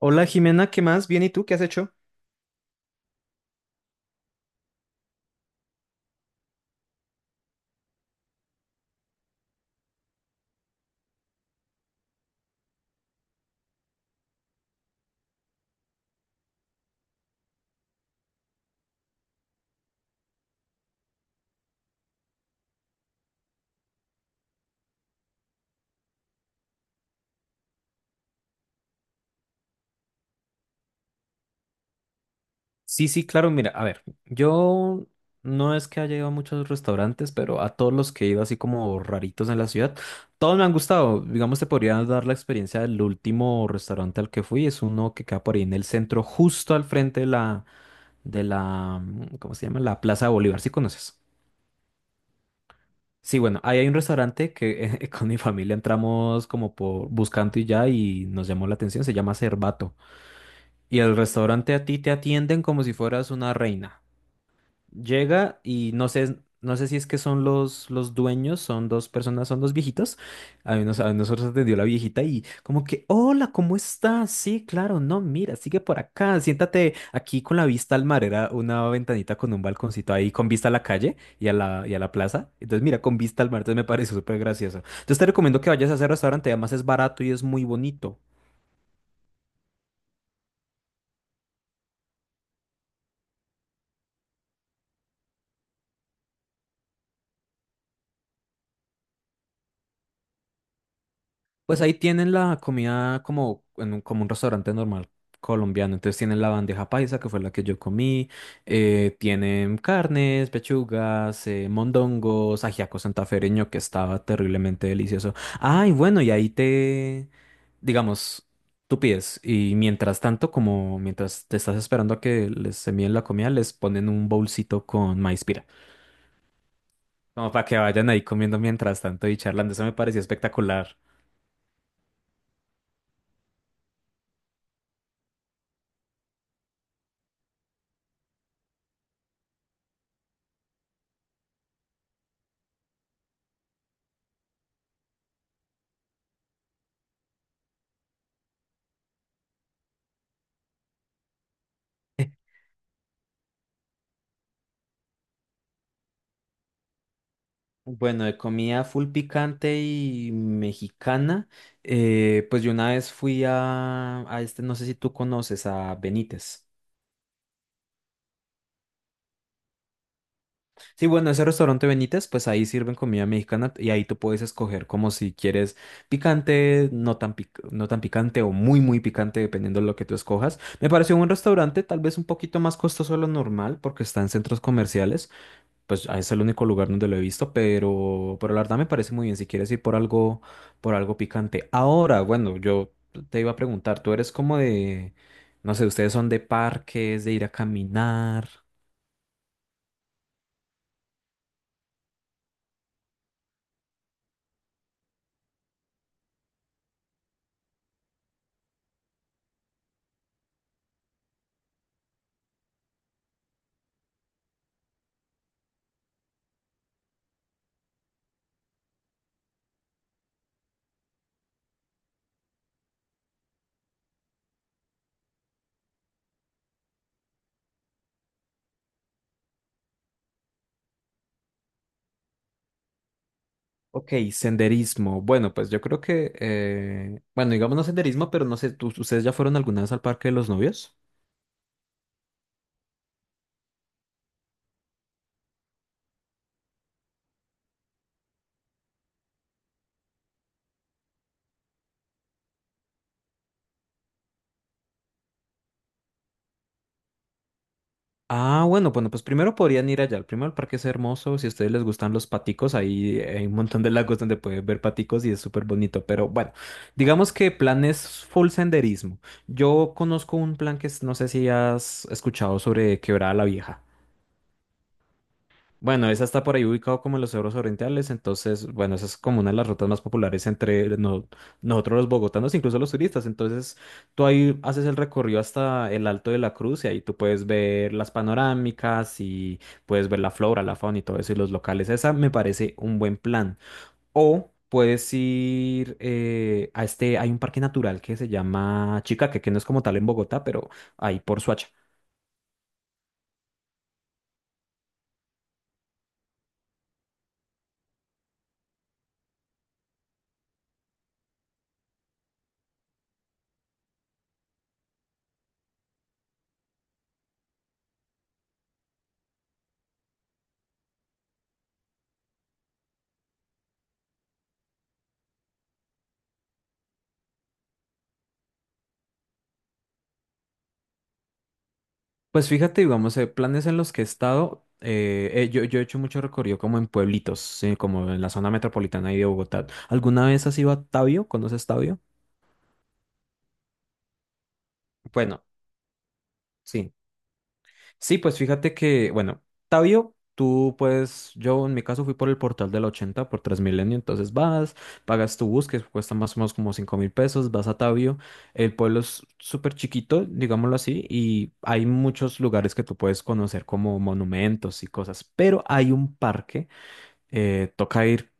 Hola Jimena, ¿qué más? Bien, ¿y tú qué has hecho? Sí, sí, claro, mira, a ver, yo no es que haya ido a muchos restaurantes, pero a todos los que he ido así como raritos en la ciudad, todos me han gustado. Digamos, te podría dar la experiencia del último restaurante al que fui, es uno que queda por ahí en el centro, justo al frente de la, ¿cómo se llama? La Plaza de Bolívar, ¿sí conoces? Sí, bueno, ahí hay un restaurante que con mi familia entramos como por buscando y ya y nos llamó la atención, se llama Cervato. Y el restaurante a ti te atienden como si fueras una reina. Llega y no sé, no sé si es que son los dueños, son dos personas, son dos viejitos. A mí nos- a nosotros atendió la viejita y como que, hola, ¿cómo estás? Sí, claro, no, mira, sigue por acá, siéntate aquí con la vista al mar. Era una ventanita con un balconcito ahí con vista a la calle y a la plaza. Entonces, mira, con vista al mar, entonces me pareció súper gracioso. Entonces te recomiendo que vayas a ese restaurante, además es barato y es muy bonito. Pues ahí tienen la comida como, en un, como un restaurante normal colombiano. Entonces tienen la bandeja paisa, que fue la que yo comí. Tienen carnes, pechugas, mondongos, ajiaco santafereño, que estaba terriblemente delicioso. Ay, bueno, y ahí te, digamos, tú pides. Y mientras tanto, como mientras te estás esperando a que les envíen la comida, les ponen un bolsito con maíz pira. Como para que vayan ahí comiendo mientras tanto y charlando. Eso me pareció espectacular. Bueno, de comida full picante y mexicana, pues yo una vez fui a este, no sé si tú conoces, a Benítez. Sí, bueno, ese restaurante Benítez, pues ahí sirven comida mexicana y ahí tú puedes escoger como si quieres picante, no tan, pic- no tan picante o muy, muy picante, dependiendo de lo que tú escojas. Me pareció un restaurante tal vez un poquito más costoso de lo normal porque está en centros comerciales. Pues es el único lugar donde lo he visto, pero la verdad me parece muy bien si quieres ir por algo picante. Ahora, bueno, yo te iba a preguntar, tú eres como de, no sé, ustedes son de parques, de ir a caminar. Ok, senderismo. Bueno, pues yo creo que, bueno, digamos no senderismo, pero no sé, ¿tú- ¿ustedes ya fueron alguna vez al Parque de los Novios? Ah, bueno, bueno, pues primero podrían ir allá. Primero el parque es hermoso. Si a ustedes les gustan los paticos, ahí hay un montón de lagos donde pueden ver paticos y es súper bonito. Pero bueno, digamos que plan es full senderismo. Yo conozco un plan que es- no sé si has escuchado sobre Quebrada la Vieja. Bueno, esa está por ahí ubicado como en los cerros orientales, entonces, bueno, esa es como una de las rutas más populares entre no- nosotros los bogotanos, incluso los turistas. Entonces, tú ahí haces el recorrido hasta el Alto de la Cruz y ahí tú puedes ver las panorámicas y puedes ver la flora, la fauna y todo eso y los locales. Esa me parece un buen plan. O puedes ir a este, hay un parque natural que se llama Chicaque, que no es como tal en Bogotá, pero ahí por. Pues fíjate, digamos, planes en los que he estado, yo he hecho mucho recorrido como en pueblitos, como en la zona metropolitana ahí de Bogotá. ¿Alguna vez has ido a Tabio? ¿Conoces Tabio? Bueno, sí. Sí, pues fíjate que, bueno, Tabio, tú pues, yo en mi caso fui por el portal del 80 por Transmilenio, entonces vas, pagas tu bus, que cuesta más o menos como 5 mil pesos, vas a Tabio, el pueblo es súper chiquito, digámoslo así, y hay muchos lugares que tú puedes conocer como monumentos y cosas, pero hay un parque toca ir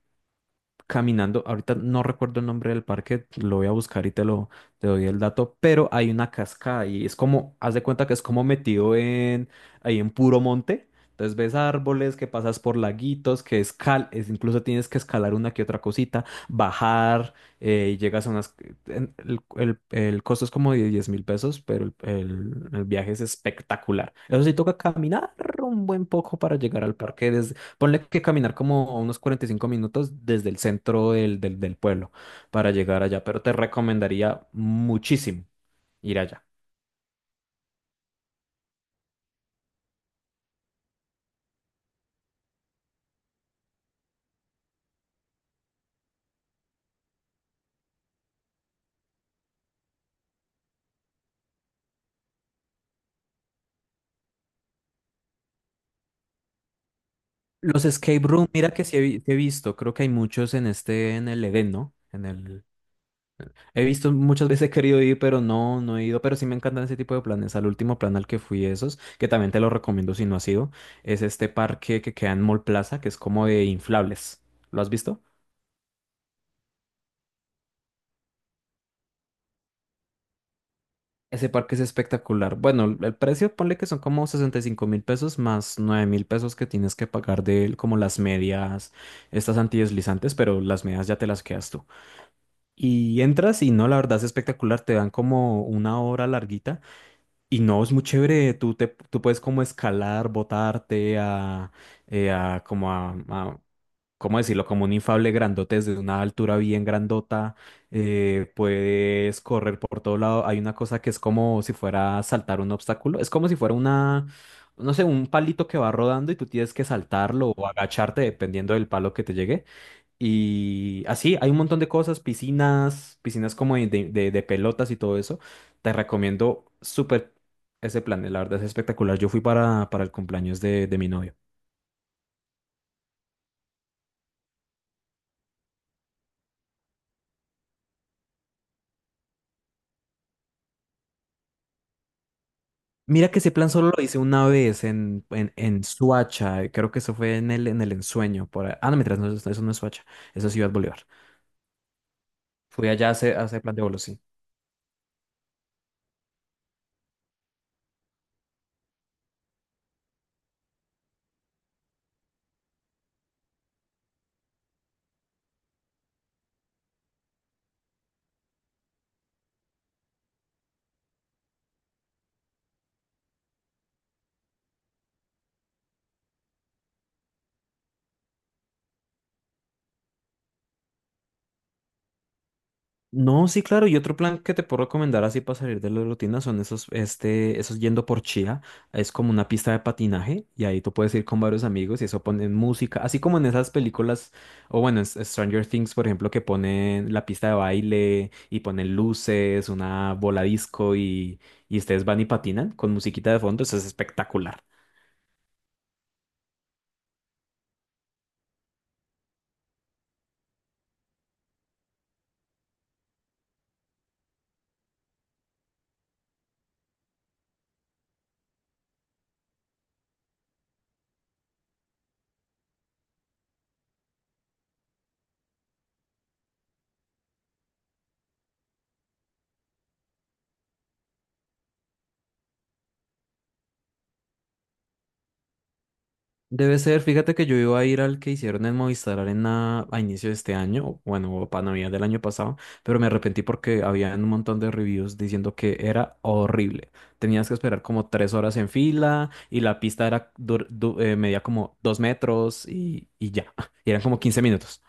caminando. Ahorita no recuerdo el nombre del parque, lo voy a buscar y te doy el dato, pero hay una cascada y es como, haz de cuenta que es como metido en ahí en puro monte. Entonces ves árboles, que pasas por laguitos, que escal, es, incluso tienes que escalar una que otra cosita, bajar, y llegas a unas... en- El costo es como de 10 mil pesos, pero el viaje es espectacular. Eso sí, toca caminar un buen poco para llegar al parque. Ponle que caminar como unos 45 minutos desde el centro del pueblo para llegar allá, pero te recomendaría muchísimo ir allá. Los escape room, mira que sí he, vi- sí he visto, creo que hay muchos en este, en el Edén, ¿no? En el, he visto muchas veces he querido ir, pero no, no he ido, pero sí me encantan ese tipo de planes. Al último plan al que fui esos, que también te lo recomiendo si no has ido, es este parque que queda en Mall Plaza, que es como de inflables. ¿Lo has visto? Ese parque es espectacular. Bueno, el precio, ponle que son como 65 mil pesos más 9 mil pesos que tienes que pagar de como las medias, estas antideslizantes, pero las medias ya te las quedas tú. Y entras y no, la verdad es espectacular. Te dan como una hora larguita y no, es muy chévere. Tú puedes como escalar, botarte a como a- ¿cómo decirlo? Como un infable grandote desde una altura bien grandota, puedes correr por todo lado. Hay una cosa que es como si fuera saltar un obstáculo, es como si fuera una, no sé, un palito que va rodando y tú tienes que saltarlo o agacharte dependiendo del palo que te llegue. Y así, hay un montón de cosas, piscinas, como de, de pelotas y todo eso. Te recomiendo súper ese plan, la verdad es espectacular. Yo fui para el cumpleaños de mi novia. Mira que ese plan solo lo hice una vez en Suacha, creo que eso fue en el ensueño. Por ahí. Ah, no, mientras no, eso no es Suacha, eso es Ciudad Bolívar. Fui allá a ese plan de bolos, sí. No, sí, claro. Y otro plan que te puedo recomendar así para salir de la rutina son esos, este, esos yendo por Chía. Es como una pista de patinaje y ahí tú puedes ir con varios amigos y eso ponen música, así como en esas películas, o bueno, en S- Stranger Things, por ejemplo, que ponen la pista de baile y ponen luces, una bola disco y ustedes van y patinan con musiquita de fondo. Eso es espectacular. Debe ser, fíjate que yo iba a ir al que hicieron en Movistar Arena a inicio de este año, o bueno, o para Navidad del año pasado, pero me arrepentí porque había un montón de reviews diciendo que era horrible. Tenías que esperar como 3 horas en fila y la pista era dur- du- medía como 2 metros y ya, y eran como 15 minutos.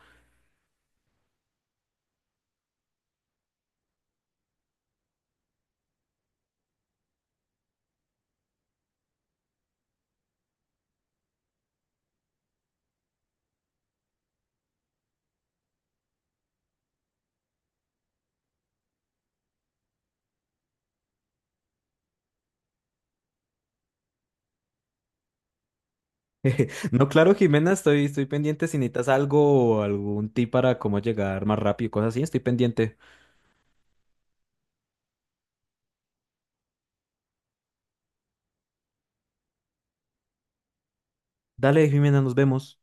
No, claro, Jimena, estoy pendiente si necesitas algo o algún tip para cómo llegar más rápido y cosas así, estoy pendiente. Dale, Jimena, nos vemos.